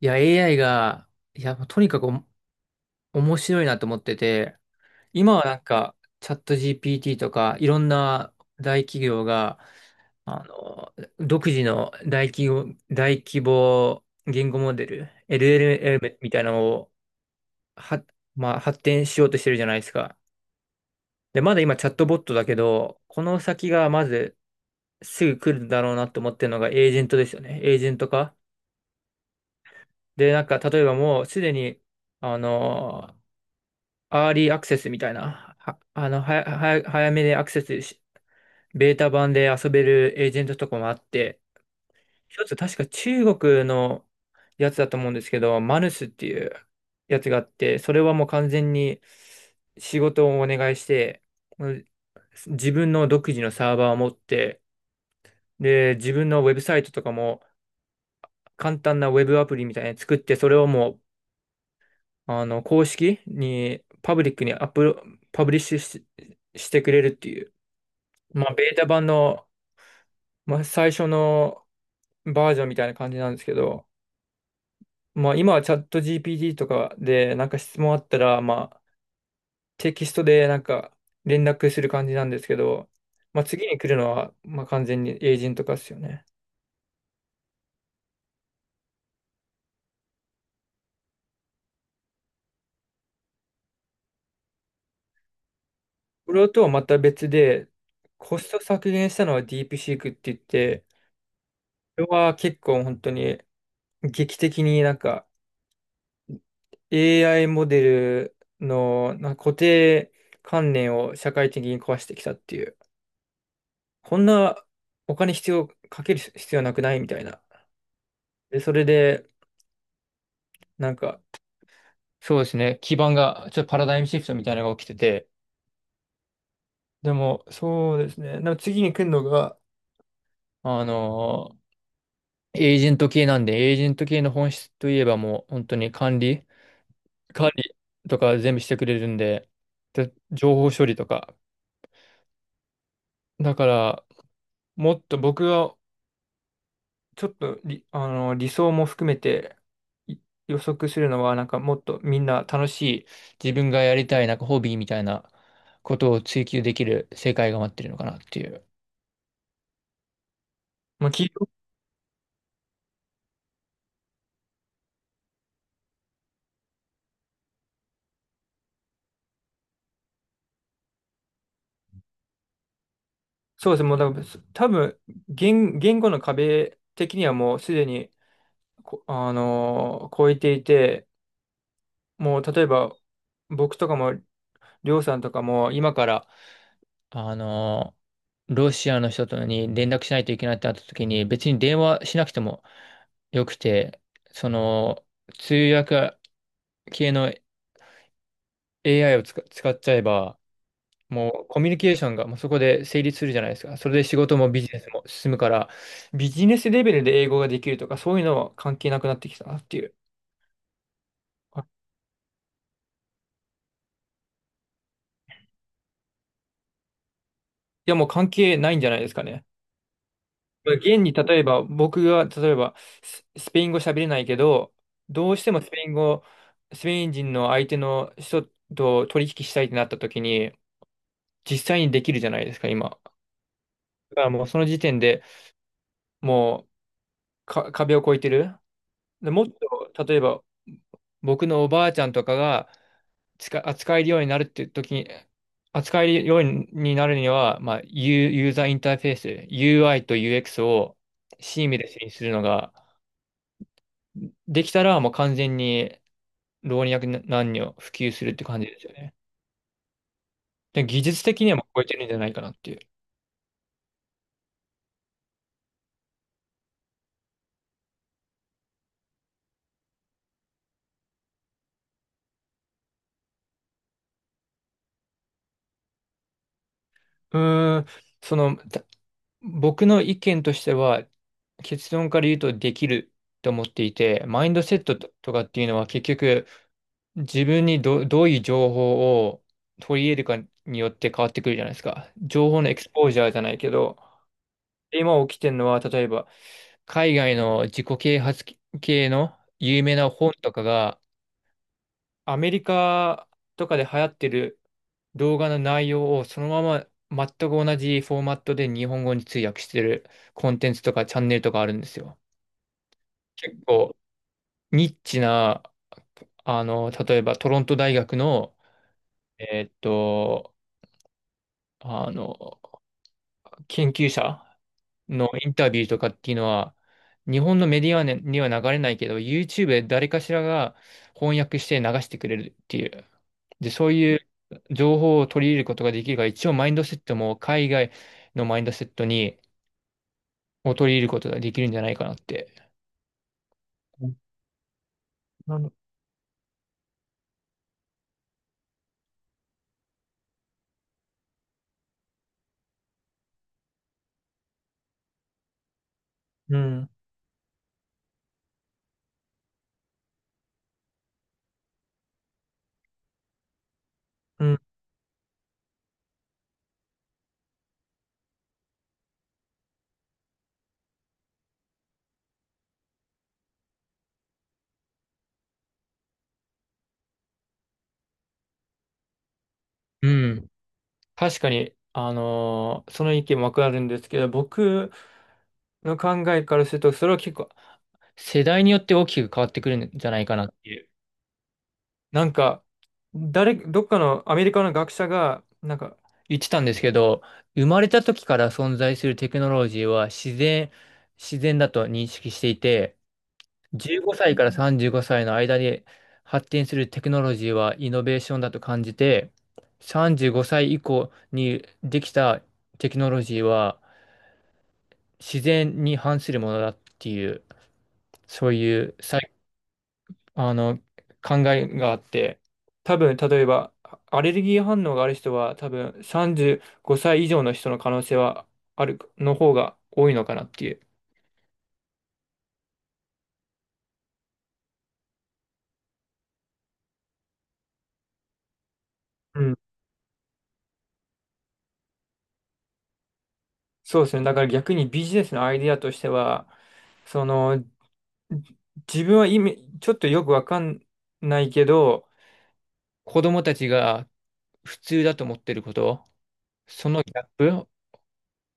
いや、AI が、もうとにかく面白いなと思ってて、今はなんか、チャット GPT とか、いろんな大企業が、あの、独自の大企業、大規模言語モデル、LLM みたいなのを、は、まあ、発展しようとしてるじゃないですか。で、まだ今チャットボットだけど、この先がまずすぐ来るだろうなと思ってるのがエージェントですよね。エージェント化。で、なんか、例えばもうすでに、あのアーリーアクセスみたいな、は、あの、はや、はや、早めでアクセスし、ベータ版で遊べるエージェントとかもあって、一つ確か中国のやつだと思うんですけど、マヌスっていうやつがあって、それはもう完全に仕事をお願いして、うん、自分の独自のサーバーを持って、で、自分のウェブサイトとかも簡単なウェブアプリみたいなの作って、それをもう、公式に、パブリックにアップロ、パブリッシュしてくれるっていう。まあ、ベータ版の、まあ、最初のバージョンみたいな感じなんですけど、まあ、今はチャット GPT とかで、なんか質問あったら、まあ、テキストでなんか連絡する感じなんですけど、まあ、次に来るのは、まあ、完全にエージェント化ですよね。これとはまた別で、コスト削減したのはディープシークって言って、これは結構本当に劇的になんか AI モデルのなんか固定観念を社会的に壊してきたっていう。こんなお金必要、かける必要なくないみたいな。で、それで、なんか、そうですね、基盤が、ちょっとパラダイムシフトみたいなのが起きてて、でも、そうですね、でも次に来るのが、あのーエージェント系なんで、エージェント系の本質といえばもう、本当に管理とか全部してくれるんで、で情報処理とか。だから、もっと僕がちょっとり、あの、理想も含めてい予測するのは、なんかもっとみんな楽しい、自分がやりたい、なんかホビーみたいなことを追求できる世界が待ってるのかなっていう。まあ、そうですね、もうだから多分言語の壁的にはもうすでに、こあのー超えていて、もう例えば僕とかも、りょうさんとかも今からあの、ロシアの人とに連絡しないといけないってなった時に、別に電話しなくてもよくて、その、通訳系の AI を使っちゃえば、もうコミュニケーションがもうそこで成立するじゃないですか。それで仕事もビジネスも進むから、ビジネスレベルで英語ができるとか、そういうのは関係なくなってきたなっていう。いや、もう関係ないんじゃないですかね。まあ現に例えば、僕が例えばスペイン語喋れないけど、どうしてもスペイン人の相手の人と取引したいってなった時に、実際にできるじゃないですか、今。だからもうその時点でもう壁を越えてる。で、もっと、例えば、僕のおばあちゃんとかが扱えるようになるって時に、扱えるようになるには、まあ、ユーザーインターフェース、UI と UX をシームレスにするのが、できたら、もう完全に老若男女普及するって感じですよね。で、技術的にはもう超えてるんじゃないかなっていう。うーん、その、僕の意見としては、結論から言うとできると思っていて、マインドセットとかっていうのは結局自分にどういう情報を取り入れるかによって変わってくるじゃないですか。情報のエクスポージャーじゃないけど、今起きてるのは例えば海外の自己啓発系の有名な本とかがアメリカとかで流行ってる動画の内容をそのまま全く同じフォーマットで日本語に通訳してるコンテンツとかチャンネルとかあるんですよ。結構ニッチな、例えばトロント大学の、えーっと、あの、研究者のインタビューとかっていうのは、日本のメディアには流れないけど、YouTube で誰かしらが翻訳して流してくれるっていう。で、そういう情報を取り入れることができるから、一応マインドセットも海外のマインドセットを取り入れることができるんじゃないかなって。なるうん。うん。うん。確かに、その意見もわかるんですけど、僕の考えからすると、それは結構世代によって大きく変わってくるんじゃないかなっていう。なんか、どっかのアメリカの学者が、なんか、言ってたんですけど、生まれた時から存在するテクノロジーは自然だと認識していて、15歳から35歳の間で発展するテクノロジーはイノベーションだと感じて、35歳以降にできたテクノロジーは自然に反するものだっていう、そういうあの、考えがあって、多分、例えば、アレルギー反応がある人は、多分、35歳以上の人の可能性はある、の方が多いのかなっていう。うん。そうですね。だから逆にビジネスのアイディアとしては、その、じ自分は意味、ちょっとよくわかんないけど、子供たちが普通だと思ってること、そのギャップ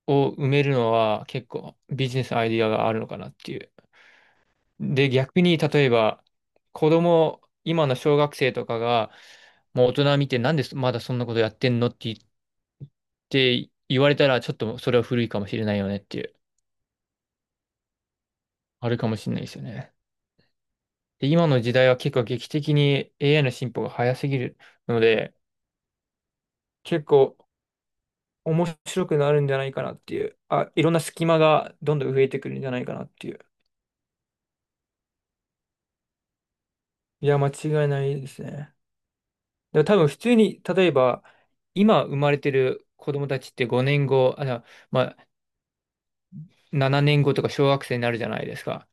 を埋めるのは結構ビジネスアイディアがあるのかなっていう。で、逆に、例えば、子供、今の小学生とかが、もう大人見て、なんでまだそんなことやってんのって言って、言われたら、ちょっとそれは古いかもしれないよねっていう、あるかもしれないですよね。で、今の時代は結構劇的に AI の進歩が早すぎるので、結構面白くなるんじゃないかなっていう、あ、いろんな隙間がどんどん増えてくるんじゃないかなっていう。いや、間違いないですね。だから多分普通に、例えば、今生まれてる子供たちって5年後、あ、じゃあまあ、7年後とか小学生になるじゃないですか。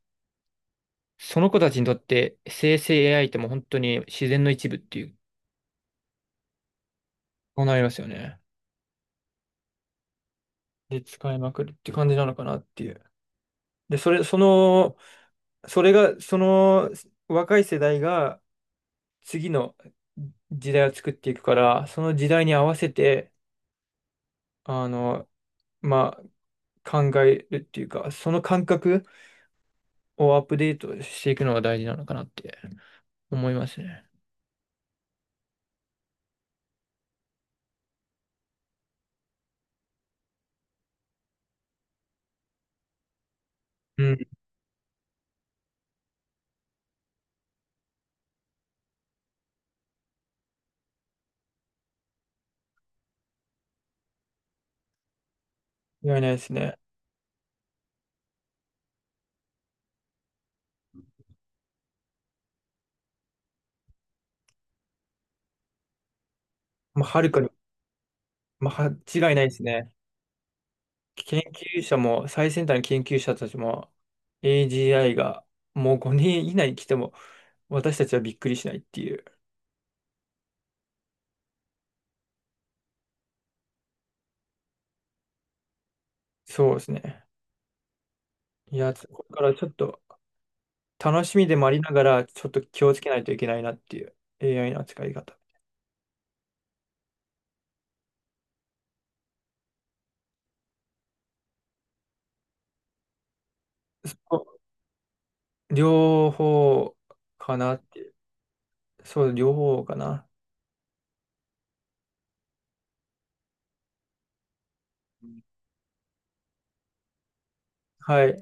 その子たちにとって生成 AI ってもう本当に自然の一部っていう、そうなりますよね。で、使いまくるって感じなのかなっていう。で、それ、その、それが、その若い世代が次の時代を作っていくから、その時代に合わせて、あの、まあ、考えるっていうか、その感覚をアップデートしていくのが大事なのかなって思いますね。うん、間違いないですね。まあ、はるかに、まあ、間違いないですね。研究者も、最先端の研究者たちも、AGI がもう5年以内に来ても、私たちはびっくりしないっていう。そうですね。いや、これからちょっと楽しみでもありながら、ちょっと気をつけないといけないなっていう AI の扱い方。そう両方かなっていう。そう、両方かな。はい。